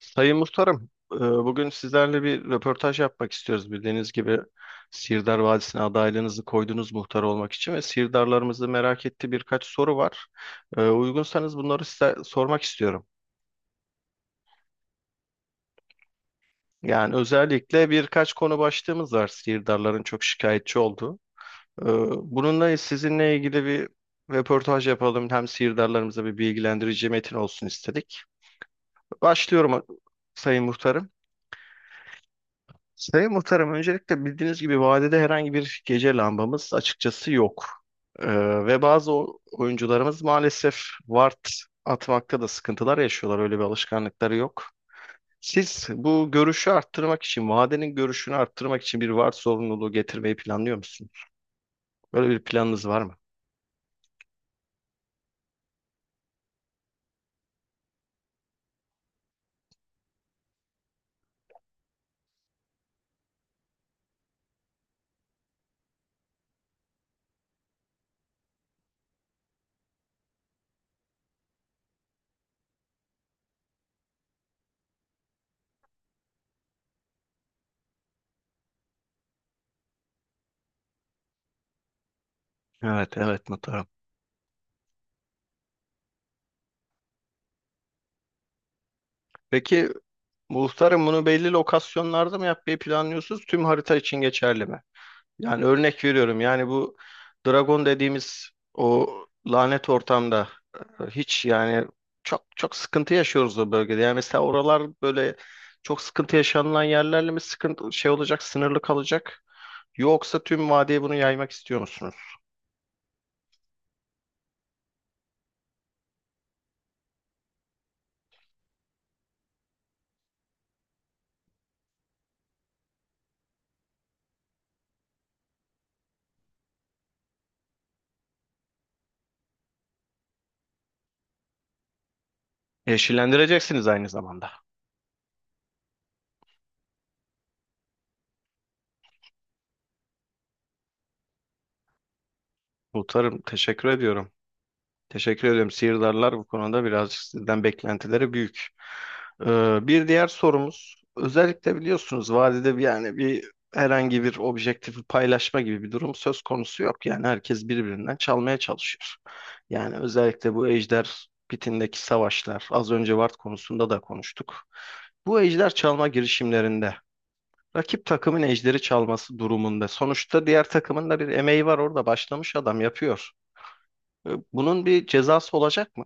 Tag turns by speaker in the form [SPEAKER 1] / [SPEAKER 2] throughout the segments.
[SPEAKER 1] Sayın Muhtarım, bugün sizlerle bir röportaj yapmak istiyoruz. Bildiğiniz gibi Sirdar Vadisi'ne adaylığınızı koydunuz muhtar olmak için ve Sirdarlarımızı merak ettiği birkaç soru var. Uygunsanız bunları size sormak istiyorum. Yani özellikle birkaç konu başlığımız var Sirdarların çok şikayetçi olduğu. E, Bununla sizinle ilgili bir röportaj yapalım. Hem Sirdarlarımıza bir bilgilendirici metin olsun istedik. Başlıyorum Sayın Muhtarım. Sayın Muhtarım, öncelikle bildiğiniz gibi vadede herhangi bir gece lambamız açıkçası yok. Ee, ve bazı oyuncularımız maalesef ward atmakta da sıkıntılar yaşıyorlar. Öyle bir alışkanlıkları yok. Siz bu görüşü arttırmak için, vadenin görüşünü arttırmak için bir ward zorunluluğu getirmeyi planlıyor musunuz? Böyle bir planınız var mı? Evet, evet muhtarım. Peki Muhtarım, bunu belli lokasyonlarda mı yapmayı planlıyorsunuz? Tüm harita için geçerli mi? Yani örnek veriyorum. Yani bu Dragon dediğimiz o lanet ortamda, hiç yani çok çok sıkıntı yaşıyoruz o bölgede. Yani mesela oralar böyle çok sıkıntı yaşanılan yerlerle mi sıkıntı şey olacak, sınırlı kalacak? Yoksa tüm vadiye bunu yaymak istiyor musunuz? Yeşillendireceksiniz aynı zamanda. Muhtarım, teşekkür ediyorum. Teşekkür ederim. Sihirdarlar bu konuda birazcık sizden beklentileri büyük. Bir diğer sorumuz, özellikle biliyorsunuz vadide bir yani bir herhangi bir objektifi paylaşma gibi bir durum söz konusu yok. Yani herkes birbirinden çalmaya çalışıyor. Yani özellikle bu Ejder Pitindeki savaşlar, az önce Vart konusunda da konuştuk. Bu ejder çalma girişimlerinde rakip takımın ejderi çalması durumunda sonuçta diğer takımın da bir emeği var orada başlamış adam yapıyor. Bunun bir cezası olacak mı?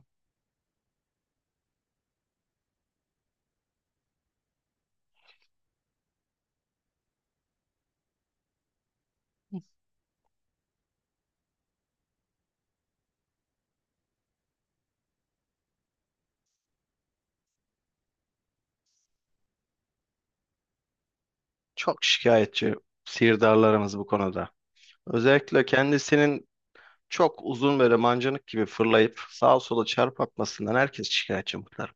[SPEAKER 1] Çok şikayetçi sihirdarlarımız bu konuda. Özellikle kendisinin çok uzun böyle mancınık gibi fırlayıp sağa sola çarp atmasından herkes şikayetçi muhtarım.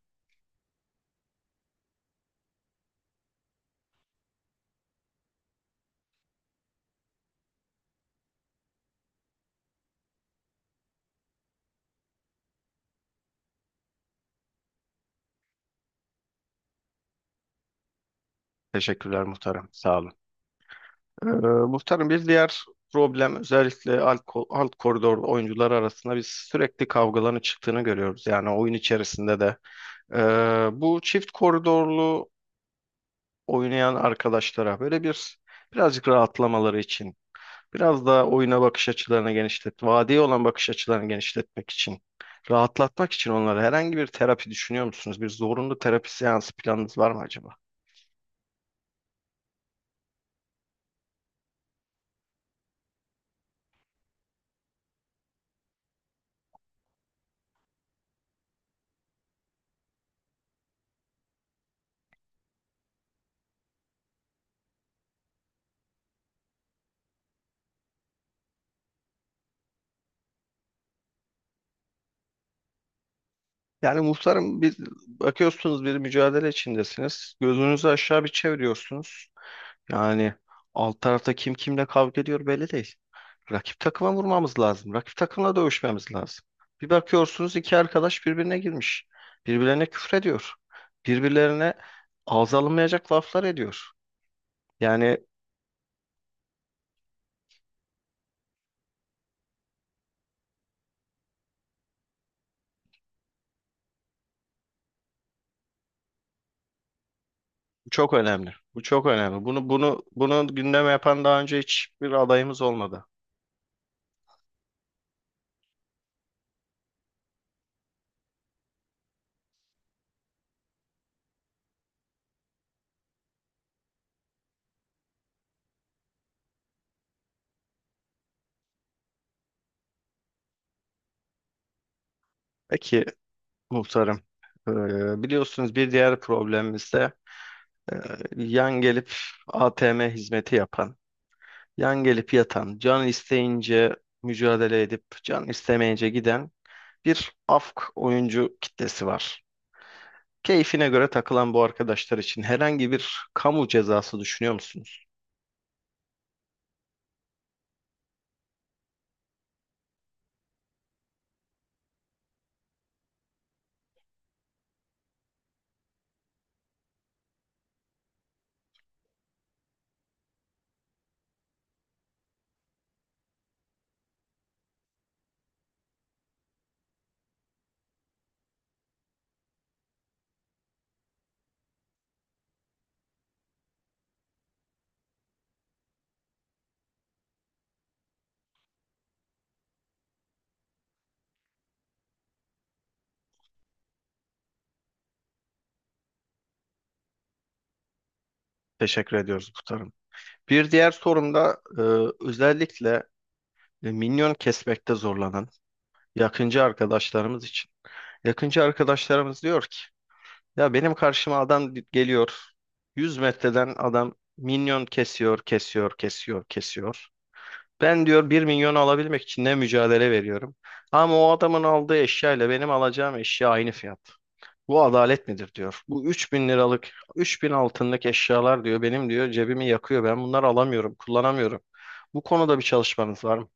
[SPEAKER 1] Teşekkürler muhtarım. Sağ olun. Ee, muhtarım, bir diğer problem özellikle alt koridor oyuncular arasında biz sürekli kavgaların çıktığını görüyoruz. Yani oyun içerisinde de. Bu çift koridorlu oynayan arkadaşlara böyle bir birazcık rahatlamaları için biraz daha oyuna bakış açılarını genişlet, vadiye olan bakış açılarını genişletmek için, rahatlatmak için onlara herhangi bir terapi düşünüyor musunuz? Bir zorunlu terapi seansı planınız var mı acaba? Yani muhtarım, biz bakıyorsunuz bir mücadele içindesiniz. Gözünüzü aşağı bir çeviriyorsunuz. Yani alt tarafta kim kimle kavga ediyor belli değil. Rakip takıma vurmamız lazım. Rakip takımla dövüşmemiz lazım. Bir bakıyorsunuz iki arkadaş birbirine girmiş. Birbirlerine küfrediyor. Birbirlerine ağza alınmayacak laflar ediyor. Yani bu çok önemli. Bu çok önemli. Bunu gündeme yapan daha önce hiçbir adayımız olmadı. Peki muhtarım, e, biliyorsunuz bir diğer problemimiz de e, yan gelip ATM hizmeti yapan, yan gelip yatan, can isteyince mücadele edip can istemeyince giden bir afk oyuncu kitlesi var. Keyfine göre takılan bu arkadaşlar için herhangi bir kamu cezası düşünüyor musunuz? Teşekkür ediyoruz muhtarım. Bir diğer sorum da özellikle minyon kesmekte zorlanan yakıncı arkadaşlarımız için. Yakıncı arkadaşlarımız diyor ki, ya benim karşıma adam geliyor, 100 metreden adam minyon kesiyor, kesiyor, kesiyor, kesiyor. Ben diyor 1 milyon alabilmek için ne mücadele veriyorum. Ama o adamın aldığı eşya ile benim alacağım eşya aynı fiyat. Bu adalet midir diyor. Bu 3 bin liralık, 3 bin altınlık eşyalar diyor benim diyor cebimi yakıyor. Ben bunları alamıyorum, kullanamıyorum. Bu konuda bir çalışmanız var mı?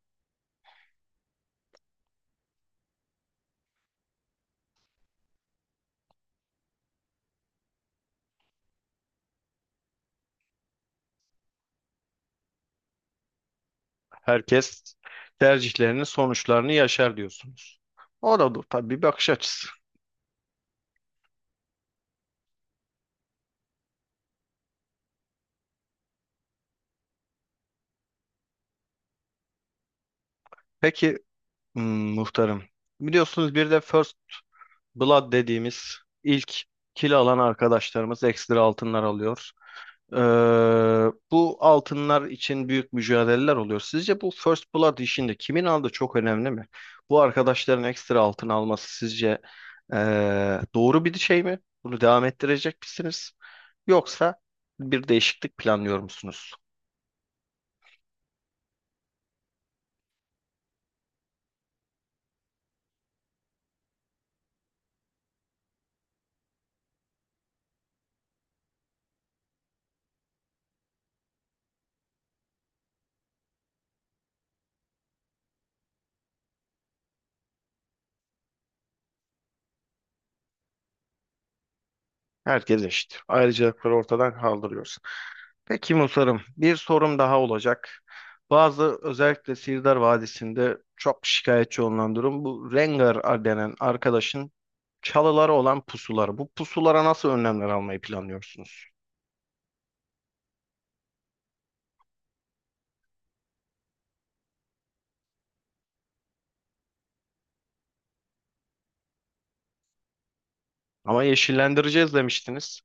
[SPEAKER 1] Herkes tercihlerinin sonuçlarını yaşar diyorsunuz. O da bu tabii bir bakış açısı. Peki hmm, muhtarım. Biliyorsunuz bir de First Blood dediğimiz ilk kil alan arkadaşlarımız ekstra altınlar alıyor. Ee, bu altınlar için büyük mücadeleler oluyor. Sizce bu First Blood işinde kimin aldığı çok önemli mi? Bu arkadaşların ekstra altın alması sizce doğru bir şey mi? Bunu devam ettirecek misiniz? Yoksa bir değişiklik planlıyor musunuz? Herkes eşit. Ayrıcalıkları ortadan kaldırıyorsun. Peki Musarım, bir sorum daha olacak. Bazı özellikle Sirdar Vadisi'nde çok şikayetçi olunan durum bu Rengar denen arkadaşın çalıları olan pusuları. Bu pusulara nasıl önlemler almayı planlıyorsunuz? Ama yeşillendireceğiz demiştiniz.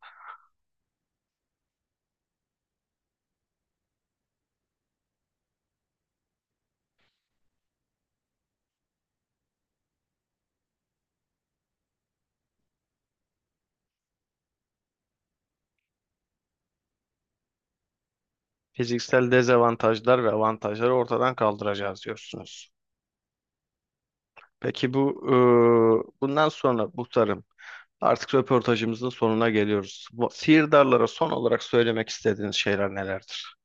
[SPEAKER 1] Fiziksel dezavantajlar ve avantajları ortadan kaldıracağız diyorsunuz. Peki bu bundan sonra Musarım, artık röportajımızın sonuna geliyoruz. Bu, sihirdarlara son olarak söylemek istediğiniz şeyler nelerdir?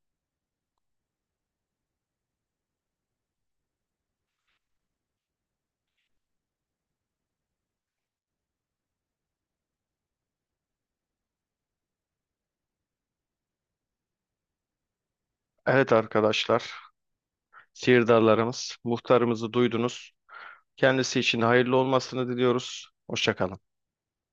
[SPEAKER 1] Evet arkadaşlar, sihirdarlarımız, muhtarımızı duydunuz. Kendisi için hayırlı olmasını diliyoruz. Hoşça kalın.